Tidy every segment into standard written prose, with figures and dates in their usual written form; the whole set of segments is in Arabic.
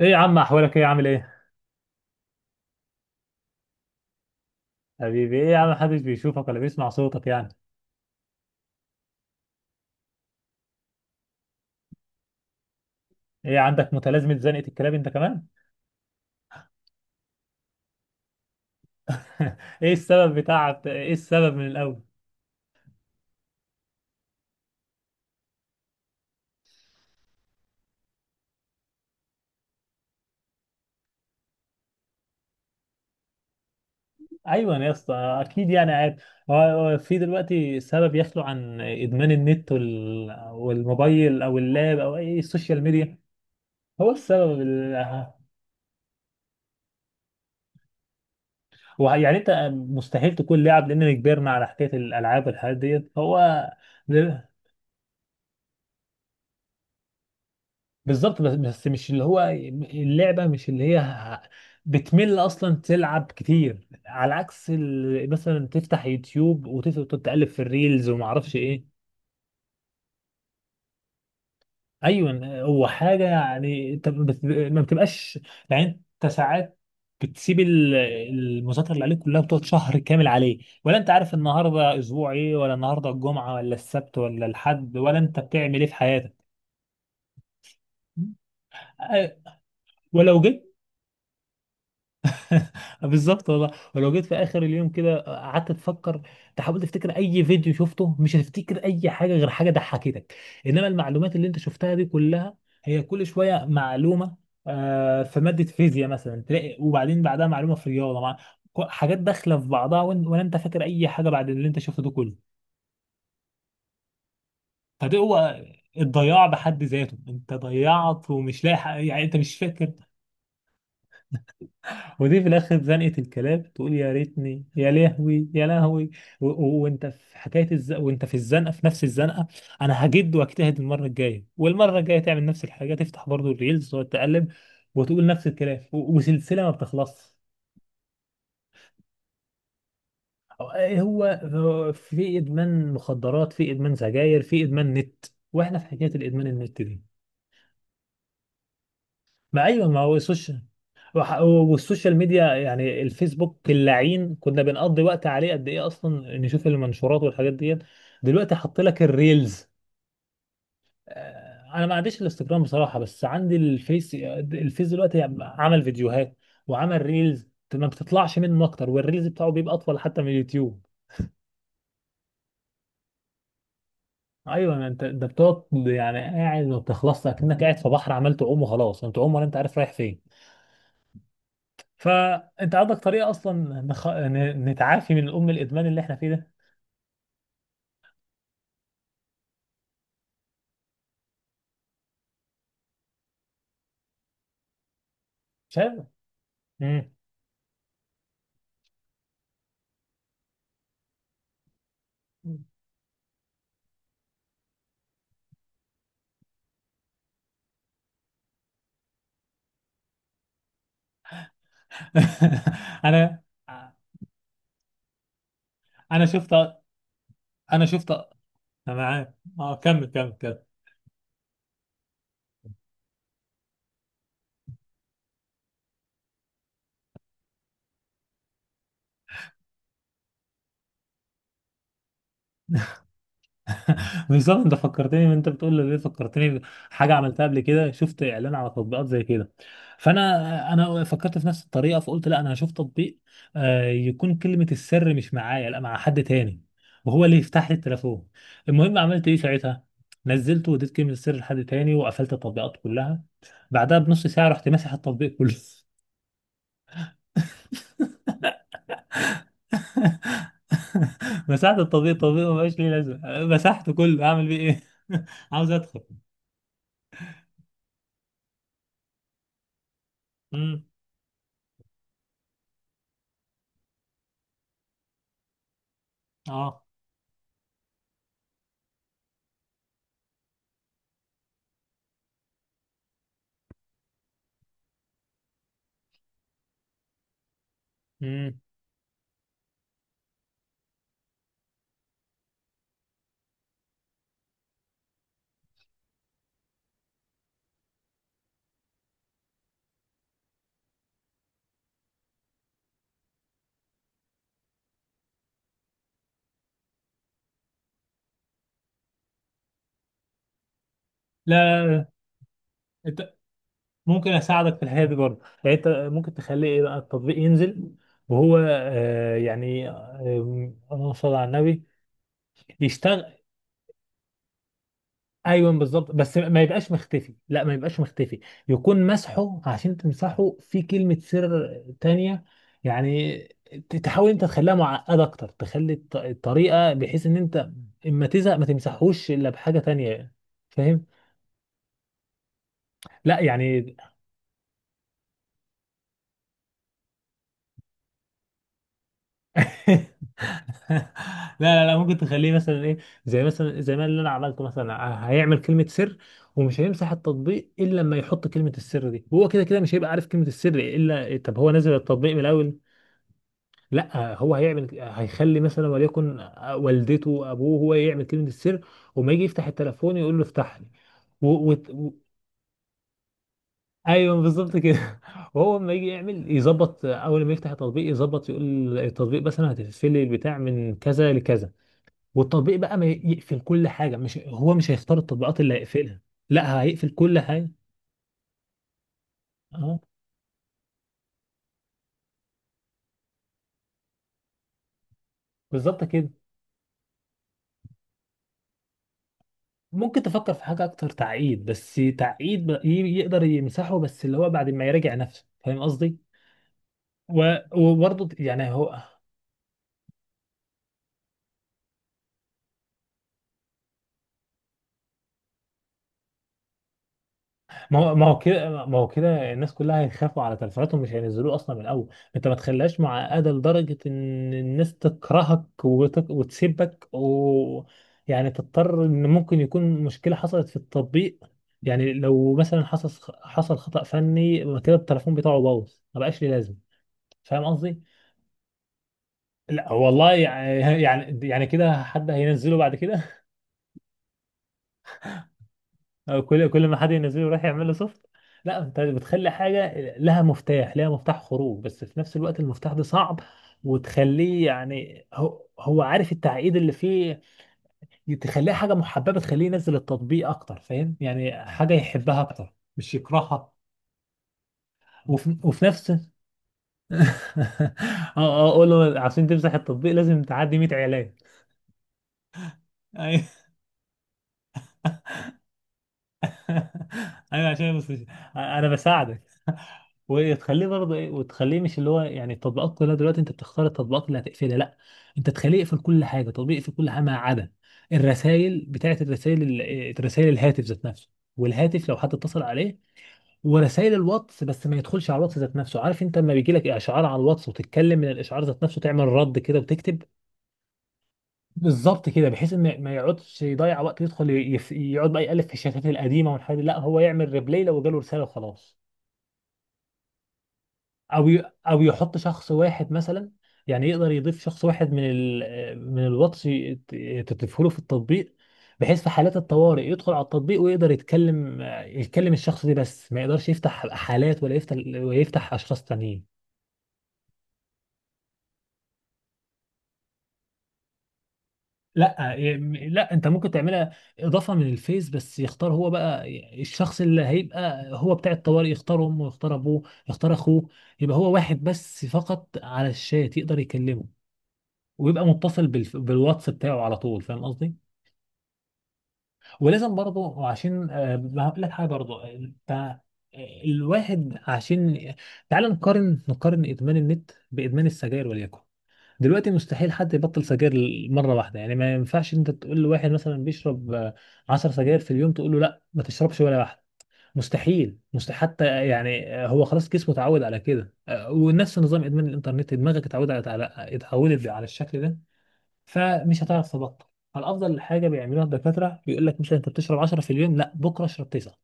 ايه يا عم، احوالك ايه، عامل ايه؟ حبيبي، ايه يا عم، محدش بيشوفك ولا بيسمع صوتك يعني؟ ايه، عندك متلازمة زنقة الكلاب انت كمان؟ ايه السبب بتاع ايه، السبب من الاول؟ ايوه يا اسطى، اكيد يعني عارف. هو في دلوقتي سبب يخلو عن ادمان النت والموبايل او اللاب او اي السوشيال ميديا؟ هو السبب ال... هو يعني انت مستحيل تكون لاعب، لاننا كبرنا على حكاية الالعاب والحاجات ديت. هو بالظبط، بس مش اللي هو اللعبة، مش اللي هي بتمل أصلا تلعب كتير، على عكس مثلا تفتح يوتيوب وتقعد تقلب في الريلز وما اعرفش ايه. ايوه، هو حاجة يعني انت ما بتبقاش، يعني انت ساعات بتسيب المذاكرة اللي عليك كلها، بتقعد شهر كامل عليه. ولا انت عارف النهاردة اسبوع ايه، ولا النهاردة الجمعة ولا السبت ولا الحد، ولا انت بتعمل ايه في حياتك. أه، ولو جيت. بالظبط والله، ولو جيت في اخر اليوم كده قعدت تفكر، تحاول تفتكر اي فيديو شفته، مش هتفتكر اي حاجه غير حاجه ضحكتك. انما المعلومات اللي انت شفتها دي كلها، هي كل شويه معلومه. في ماده فيزياء مثلا تلاقي، وبعدين بعدها معلومه في رياضه، مع حاجات داخله في بعضها، ولا انت فاكر اي حاجه بعد اللي انت شفته ده كله. فده هو الضياع بحد ذاته، انت ضيعت ومش لاحق، يعني انت مش فاكر. ودي في الاخر زنقه الكلاب، تقول يا ريتني، يا لهوي يا لهوي. وانت في وانت في الزنقه، في نفس الزنقه. انا هجد واجتهد المره الجايه، والمره الجايه تعمل نفس الحاجه، تفتح برضو الريلز وتقلب وتقول نفس الكلام. وسلسله ما بتخلصش. هو. في ادمان مخدرات، في ادمان سجاير، في ادمان نت، واحنا في حكايه الادمان النت دي. ما ايوه، ما هو السوشيال. والسوشيال ميديا يعني الفيسبوك اللعين، كنا بنقضي وقت عليه قد ايه اصلا نشوف المنشورات والحاجات ديت. دلوقتي حط لك الريلز. انا ما عنديش الانستجرام بصراحه، بس عندي الفيس. الفيس دلوقتي عمل فيديوهات وعمل ريلز، ما بتطلعش منه اكتر، والريلز بتاعه بيبقى اطول حتى من اليوتيوب. ايوه، ما انت ده بتقعد يعني قاعد ما بتخلصش، اكنك قاعد في بحر عمال تعوم وخلاص، انت تعوم ولا انت عارف رايح فين. فانت عندك طريقه اصلا نتعافي من الام الادمان اللي احنا فيه ده؟ مش عارف. مم. انا انا شفت، انا شفت، انا معاك. اه، كمل كمل كمل. بالظبط، انت فكرتني، انت بتقول لي ليه فكرتني. حاجه عملتها قبل كده، شفت اعلان على تطبيقات زي كده. فانا فكرت في نفس الطريقه، فقلت لا انا هشوف تطبيق يكون كلمه السر مش معايا، لا مع حد تاني، وهو اللي يفتح لي التليفون. المهم عملت ايه ساعتها، نزلته واديت كلمه السر لحد تاني، وقفلت التطبيقات كلها. بعدها بنص ساعه رحت ماسح التطبيق كله. مسحت التطبيق ما بقاش ليه لازمه، مسحته كله اعمل بيه ايه. عاوز ادخل. امم. اه. امم. لا، انت ممكن اساعدك في الحياه دي برضه. يعني انت ممكن تخلي ايه بقى، التطبيق ينزل وهو يعني اللهم صل على النبي، يشتغل. ايوه بالظبط، بس ما يبقاش مختفي، لا ما يبقاش مختفي. يكون مسحه، عشان تمسحه، في كلمه سر تانية. يعني تحاول انت تخليها معقده اكتر، تخلي الطريقه بحيث ان انت اما تزهق ما تمسحوش الا بحاجه تانية. فاهم؟ لا يعني، لا لا لا، ممكن تخليه مثلا ايه، زي مثلا زي ما اللي انا عملته مثلا. هيعمل كلمة سر، ومش هيمسح التطبيق الا لما يحط كلمة السر دي، وهو كده كده مش هيبقى عارف كلمة السر. الا طب هو نزل التطبيق من الاول. لا، هو هيعمل، هيخلي مثلا وليكن والدته ابوه، هو يعمل كلمة السر. وما يجي يفتح التليفون يقول له افتح لي. و... و... و... ايوه بالظبط كده. وهو لما يجي يعمل يظبط، اول ما يفتح التطبيق يظبط، يقول التطبيق مثلا هتقفل لي البتاع من كذا لكذا. والتطبيق بقى ما يقفل كل حاجه، مش هو مش هيختار التطبيقات اللي هيقفلها. لا، هيقفل كل حاجه. اه بالظبط كده. ممكن تفكر في حاجه اكتر تعقيد، بس تعقيد بقى يقدر يمسحه، بس اللي هو بعد ما يراجع نفسه. فاهم قصدي؟ وبرضه يعني هو، ما هو كده الناس كلها هيخافوا على تلفوناتهم، مش هينزلوه اصلا من الاول. انت ما تخليهاش معقده لدرجه ان الناس تكرهك وتسيبك و يعني تضطر. ان ممكن يكون مشكله حصلت في التطبيق، يعني لو مثلا حصل خطأ فني، يبقى كده التليفون بتاعه باظ، ما بقاش ليه لازمه. فاهم قصدي؟ لا والله، يعني كده حد هينزله بعد كده؟ أو كل ما حد ينزله يروح يعمل له سوفت. لا، انت بتخلي حاجه لها مفتاح، لها مفتاح خروج، بس في نفس الوقت المفتاح ده صعب، وتخليه يعني هو عارف التعقيد اللي فيه. تخليها حاجه محببه، تخليه ينزل التطبيق اكتر، فاهم، يعني حاجه يحبها اكتر مش يكرهها. وفي نفس. اه. اه، اقول له عشان تمسح التطبيق لازم تعدي 100 اعلان. ايوه عشان بس مش... انا بساعدك. وتخليه برضه ايه، وتخليه مش اللي هو يعني التطبيقات كلها دلوقتي انت بتختار التطبيقات اللي هتقفلها. لا، انت تخليه يقفل كل حاجه، تطبيق يقفل كل حاجه ما عدا الرسائل، بتاعت الرسائل، الرسائل، الهاتف ذات نفسه، والهاتف لو حد اتصل عليه، ورسائل الواتس. بس ما يدخلش على الواتس ذات نفسه، عارف انت لما بيجي لك اشعار على الواتس وتتكلم من الاشعار ذات نفسه، تعمل رد كده وتكتب. بالظبط كده، بحيث ان ما يقعدش يضيع وقت يدخل يقعد بقى يقلب في الشتات القديمه والحاجات دي، لا هو يعمل ريبلاي لو جاله رساله وخلاص. او او يحط شخص واحد مثلا، يعني يقدر يضيف شخص واحد من الواتس تضيفه له في التطبيق، بحيث في حالات الطوارئ يدخل على التطبيق ويقدر يتكلم الشخص ده بس، ما يقدرش يفتح حالات ولا يفتح ولا يفتح اشخاص تانيين. لا لا انت ممكن تعملها اضافه من الفيس، بس يختار هو بقى الشخص اللي هيبقى هو بتاع الطوارئ، يختار امه، يختار ابوه، يختار اخوه. يبقى هو واحد بس فقط على الشات يقدر يكلمه، ويبقى متصل بالواتس بتاعه على طول. فاهم قصدي؟ ولازم برضه عشان ما هقول لك حاجه برضه انت، الواحد عشان، تعال نقارن نقارن ادمان النت بادمان السجاير وليكن. دلوقتي مستحيل حد يبطل سجاير مره واحده، يعني ما ينفعش انت تقول لواحد مثلا بيشرب 10 سجاير في اليوم، تقول له لا ما تشربش ولا واحده. مستحيل، مستحيل حتى يعني هو خلاص جسمه اتعود على كده. ونفس نظام ادمان الانترنت، دماغك اتعودت على الشكل ده، فمش هتعرف تبطل. فالافضل حاجه بيعملوها الدكاتره بيقول لك مثلا انت بتشرب 10 في اليوم، لا بكره اشرب 9،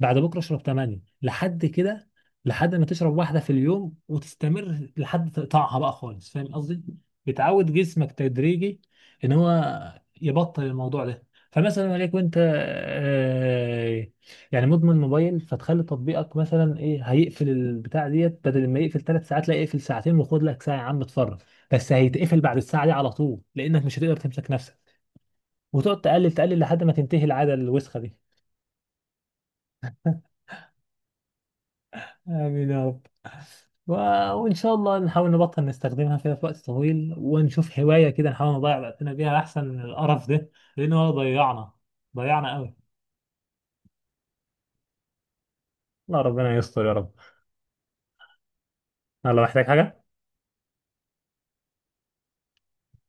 بعد بكره اشرب 8 لحد كده، لحد ما تشرب واحده في اليوم، وتستمر لحد تقطعها بقى خالص. فاهم قصدي؟ بتعود جسمك تدريجي ان هو يبطل الموضوع ده. فمثلا وليكن انت يعني مدمن موبايل، فتخلي تطبيقك مثلا ايه هيقفل البتاع ديت، بدل ما يقفل 3 ساعات لا يقفل ساعتين، وخد لك ساعه يا عم اتفرج. بس هيتقفل بعد الساعه دي على طول لانك مش هتقدر تمسك نفسك، وتقعد تقلل لحد ما تنتهي العاده الوسخه دي. آمين يا رب. و... وإن شاء الله نحاول نبطل نستخدمها كده في وقت طويل، ونشوف هواية كده نحاول نضيع وقتنا بيها، أحسن من القرف ده، لأنه هو ضيعنا، ضيعنا قوي. الله ربنا يستر يا رب. الله محتاج حاجة.